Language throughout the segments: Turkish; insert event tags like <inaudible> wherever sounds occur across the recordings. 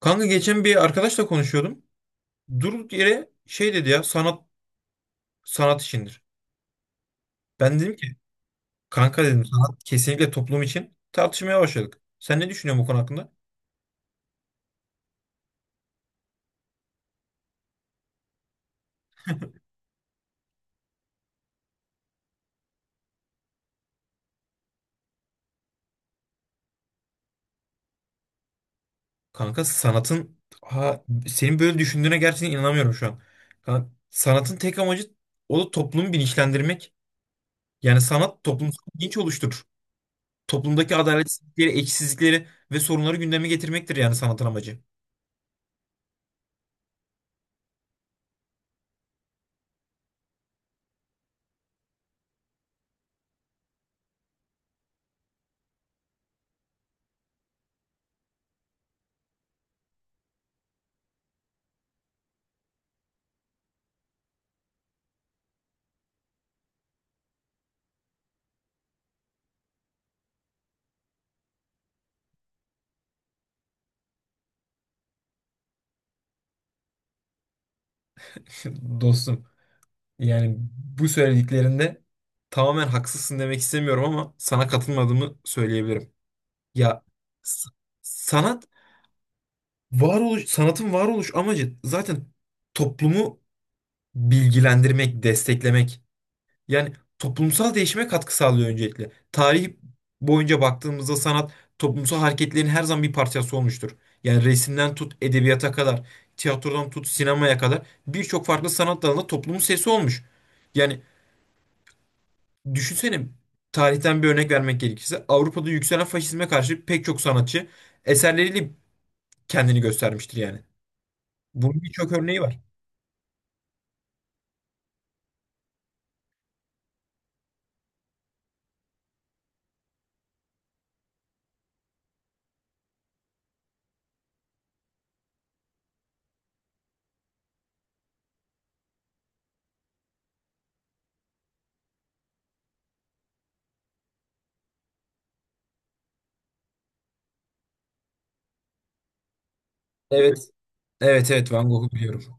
Kanka geçen bir arkadaşla konuşuyordum. Durduk yere şey dedi ya, sanat sanat işindir. Ben dedim ki kanka, dedim, sanat kesinlikle toplum için, tartışmaya başladık. Sen ne düşünüyorsun bu konu hakkında? Kanka sanatın senin böyle düşündüğüne gerçekten inanamıyorum şu an. Kanka, sanatın tek amacı o da toplumu bilinçlendirmek. Yani sanat toplumsal bilinç oluşturur. Toplumdaki adaletsizlikleri, eksizlikleri ve sorunları gündeme getirmektir yani sanatın amacı. <laughs> Dostum. Yani bu söylediklerinde tamamen haksızsın demek istemiyorum ama sana katılmadığımı söyleyebilirim. Ya s- sanat varoluş sanatın varoluş amacı zaten toplumu bilgilendirmek, desteklemek. Yani toplumsal değişime katkı sağlıyor öncelikle. Tarih boyunca baktığımızda sanat toplumsal hareketlerin her zaman bir parçası olmuştur. Yani resimden tut edebiyata kadar, tiyatrodan tut sinemaya kadar birçok farklı sanat dalında toplumun sesi olmuş. Yani düşünsene, tarihten bir örnek vermek gerekirse Avrupa'da yükselen faşizme karşı pek çok sanatçı eserleriyle kendini göstermiştir yani. Bunun birçok örneği var. Evet. Evet, evet, Van Gogh'u biliyorum.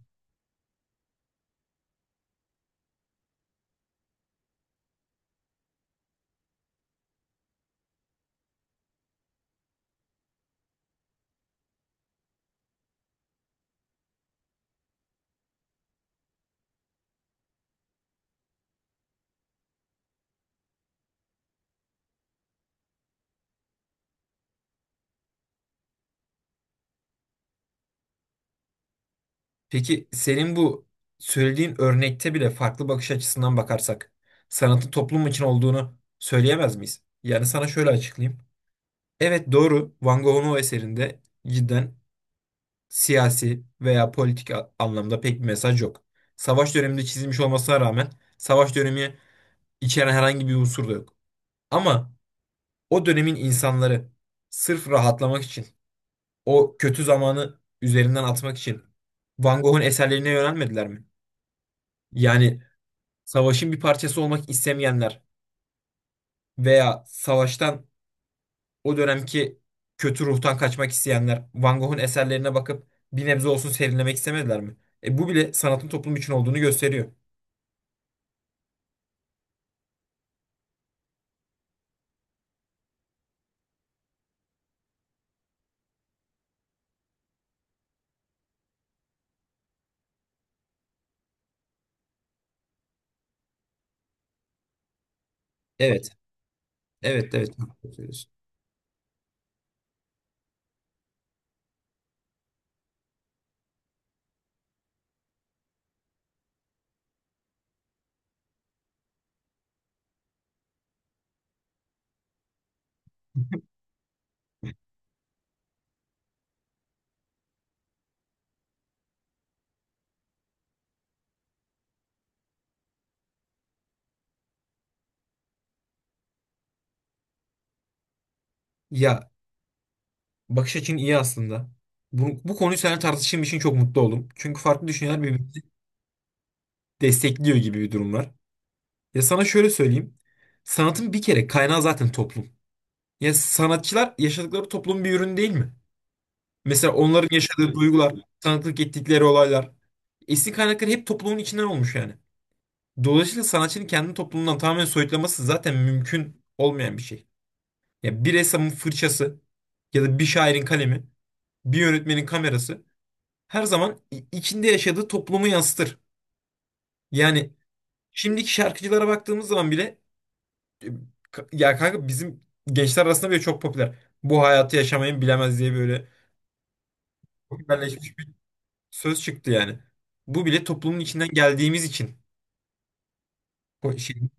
Peki senin bu söylediğin örnekte bile farklı bakış açısından bakarsak sanatın toplum için olduğunu söyleyemez miyiz? Yani sana şöyle açıklayayım. Evet doğru, Van Gogh'un o eserinde cidden siyasi veya politik anlamda pek bir mesaj yok. Savaş döneminde çizilmiş olmasına rağmen savaş dönemi içeren herhangi bir unsur da yok. Ama o dönemin insanları sırf rahatlamak için, o kötü zamanı üzerinden atmak için Van Gogh'un eserlerine yönelmediler mi? Yani savaşın bir parçası olmak istemeyenler veya savaştan o dönemki kötü ruhtan kaçmak isteyenler Van Gogh'un eserlerine bakıp bir nebze olsun serinlemek istemediler mi? E bu bile sanatın toplum için olduğunu gösteriyor. Evet, evet, evet. Çok doğru söylüyorsun. Ya, bakış açın iyi aslında. Bu konuyu seninle tartıştığım için çok mutlu oldum. Çünkü farklı düşünceler birbirini destekliyor gibi bir durum var. Ya sana şöyle söyleyeyim. Sanatın bir kere kaynağı zaten toplum. Ya sanatçılar yaşadıkları toplumun bir ürünü değil mi? Mesela onların yaşadığı duygular, tanıklık ettikleri olaylar. Esin kaynakları hep toplumun içinden olmuş yani. Dolayısıyla sanatçının kendi toplumundan tamamen soyutlaması zaten mümkün olmayan bir şey. Ya bir ressamın fırçası ya da bir şairin kalemi, bir yönetmenin kamerası her zaman içinde yaşadığı toplumu yansıtır. Yani şimdiki şarkıcılara baktığımız zaman bile e, kanka bizim gençler arasında bile çok popüler. Bu hayatı yaşamayın bilemez diye böyle popülerleşmiş bir söz çıktı yani. Bu bile toplumun içinden geldiğimiz için. O şey-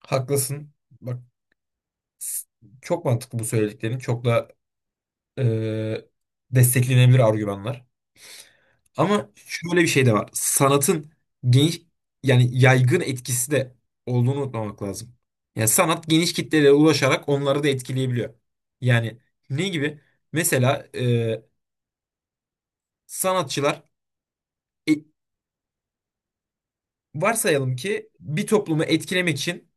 Haklısın. Bak, s- çok mantıklı bu söylediklerin. Çok da e, desteklenebilir argümanlar. Ama şöyle bir şey de var. Sanatın geniş, yani yaygın etkisi de olduğunu unutmamak lazım. Yani sanat geniş kitlelere ulaşarak onları da etkileyebiliyor. Yani ne gibi? Mesela sanatçılar, e, varsayalım ki bir toplumu etkilemek için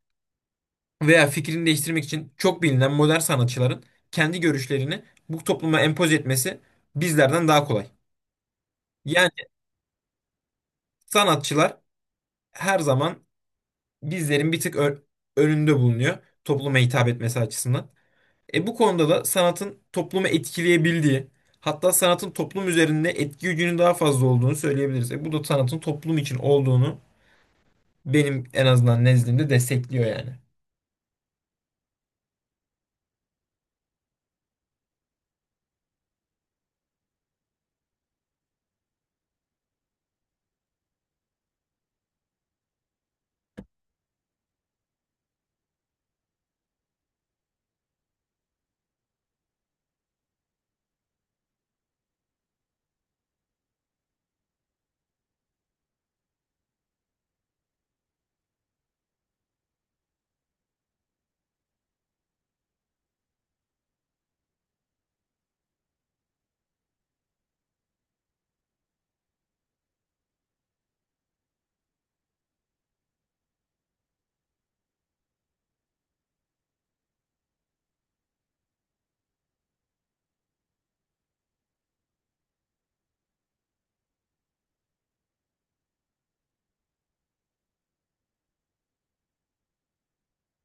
veya fikrini değiştirmek için çok bilinen modern sanatçıların kendi görüşlerini bu topluma empoze etmesi bizlerden daha kolay. Yani sanatçılar her zaman bizlerin bir tık önünde bulunuyor topluma hitap etmesi açısından. E bu konuda da sanatın toplumu etkileyebildiği, hatta sanatın toplum üzerinde etki gücünün daha fazla olduğunu söyleyebiliriz. E bu da sanatın toplum için olduğunu benim en azından nezdimde destekliyor yani.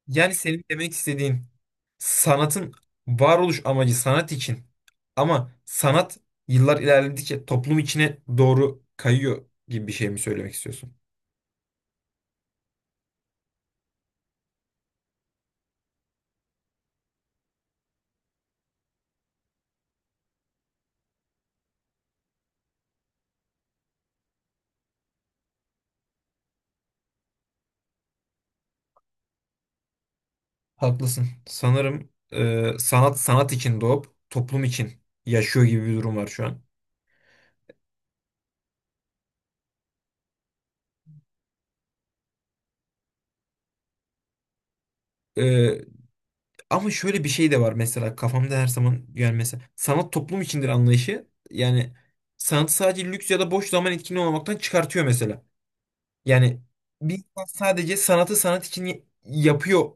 Yani senin demek istediğin sanatın varoluş amacı sanat için ama sanat yıllar ilerledikçe toplum içine doğru kayıyor gibi bir şey mi söylemek istiyorsun? Haklısın. Sanırım sanat sanat için doğup toplum için yaşıyor gibi bir durum var şu an. E, Ama şöyle bir şey de var mesela kafamda her zaman, yani mesela sanat toplum içindir anlayışı yani sanatı sadece lüks ya da boş zaman etkinliği olmaktan çıkartıyor mesela. Yani bir insan sadece sanatı sanat için yapıyor,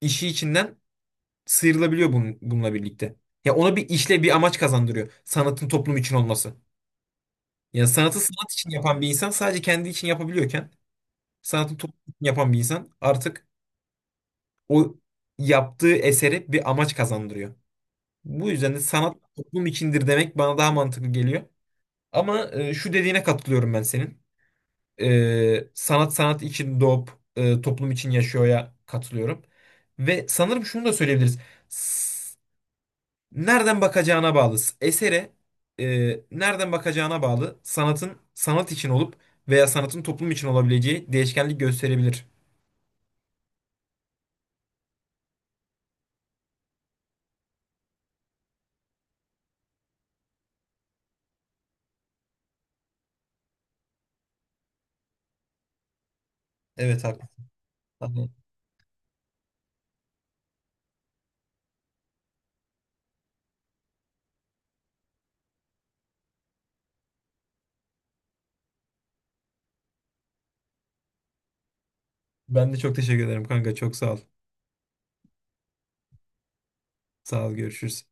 işi içinden sıyrılabiliyor bunun, bununla birlikte. Ya ona bir işle bir amaç kazandırıyor sanatın toplum için olması. Yani sanatı sanat için yapan bir insan sadece kendi için yapabiliyorken sanatın toplum yapan bir insan artık o yaptığı eseri bir amaç kazandırıyor. Bu yüzden de sanat toplum içindir demek bana daha mantıklı geliyor. Ama şu dediğine katılıyorum ben senin. Sanat sanat için doğup toplum için yaşıyor'ya katılıyorum. Ve sanırım şunu da söyleyebiliriz. S- Nereden bakacağına bağlı. Esere nereden bakacağına bağlı sanatın sanat için olup veya sanatın toplum için olabileceği değişkenlik gösterebilir. Evet haklısın. Tamam. Ben de çok teşekkür ederim kanka. Çok sağ ol. Sağ ol. Görüşürüz.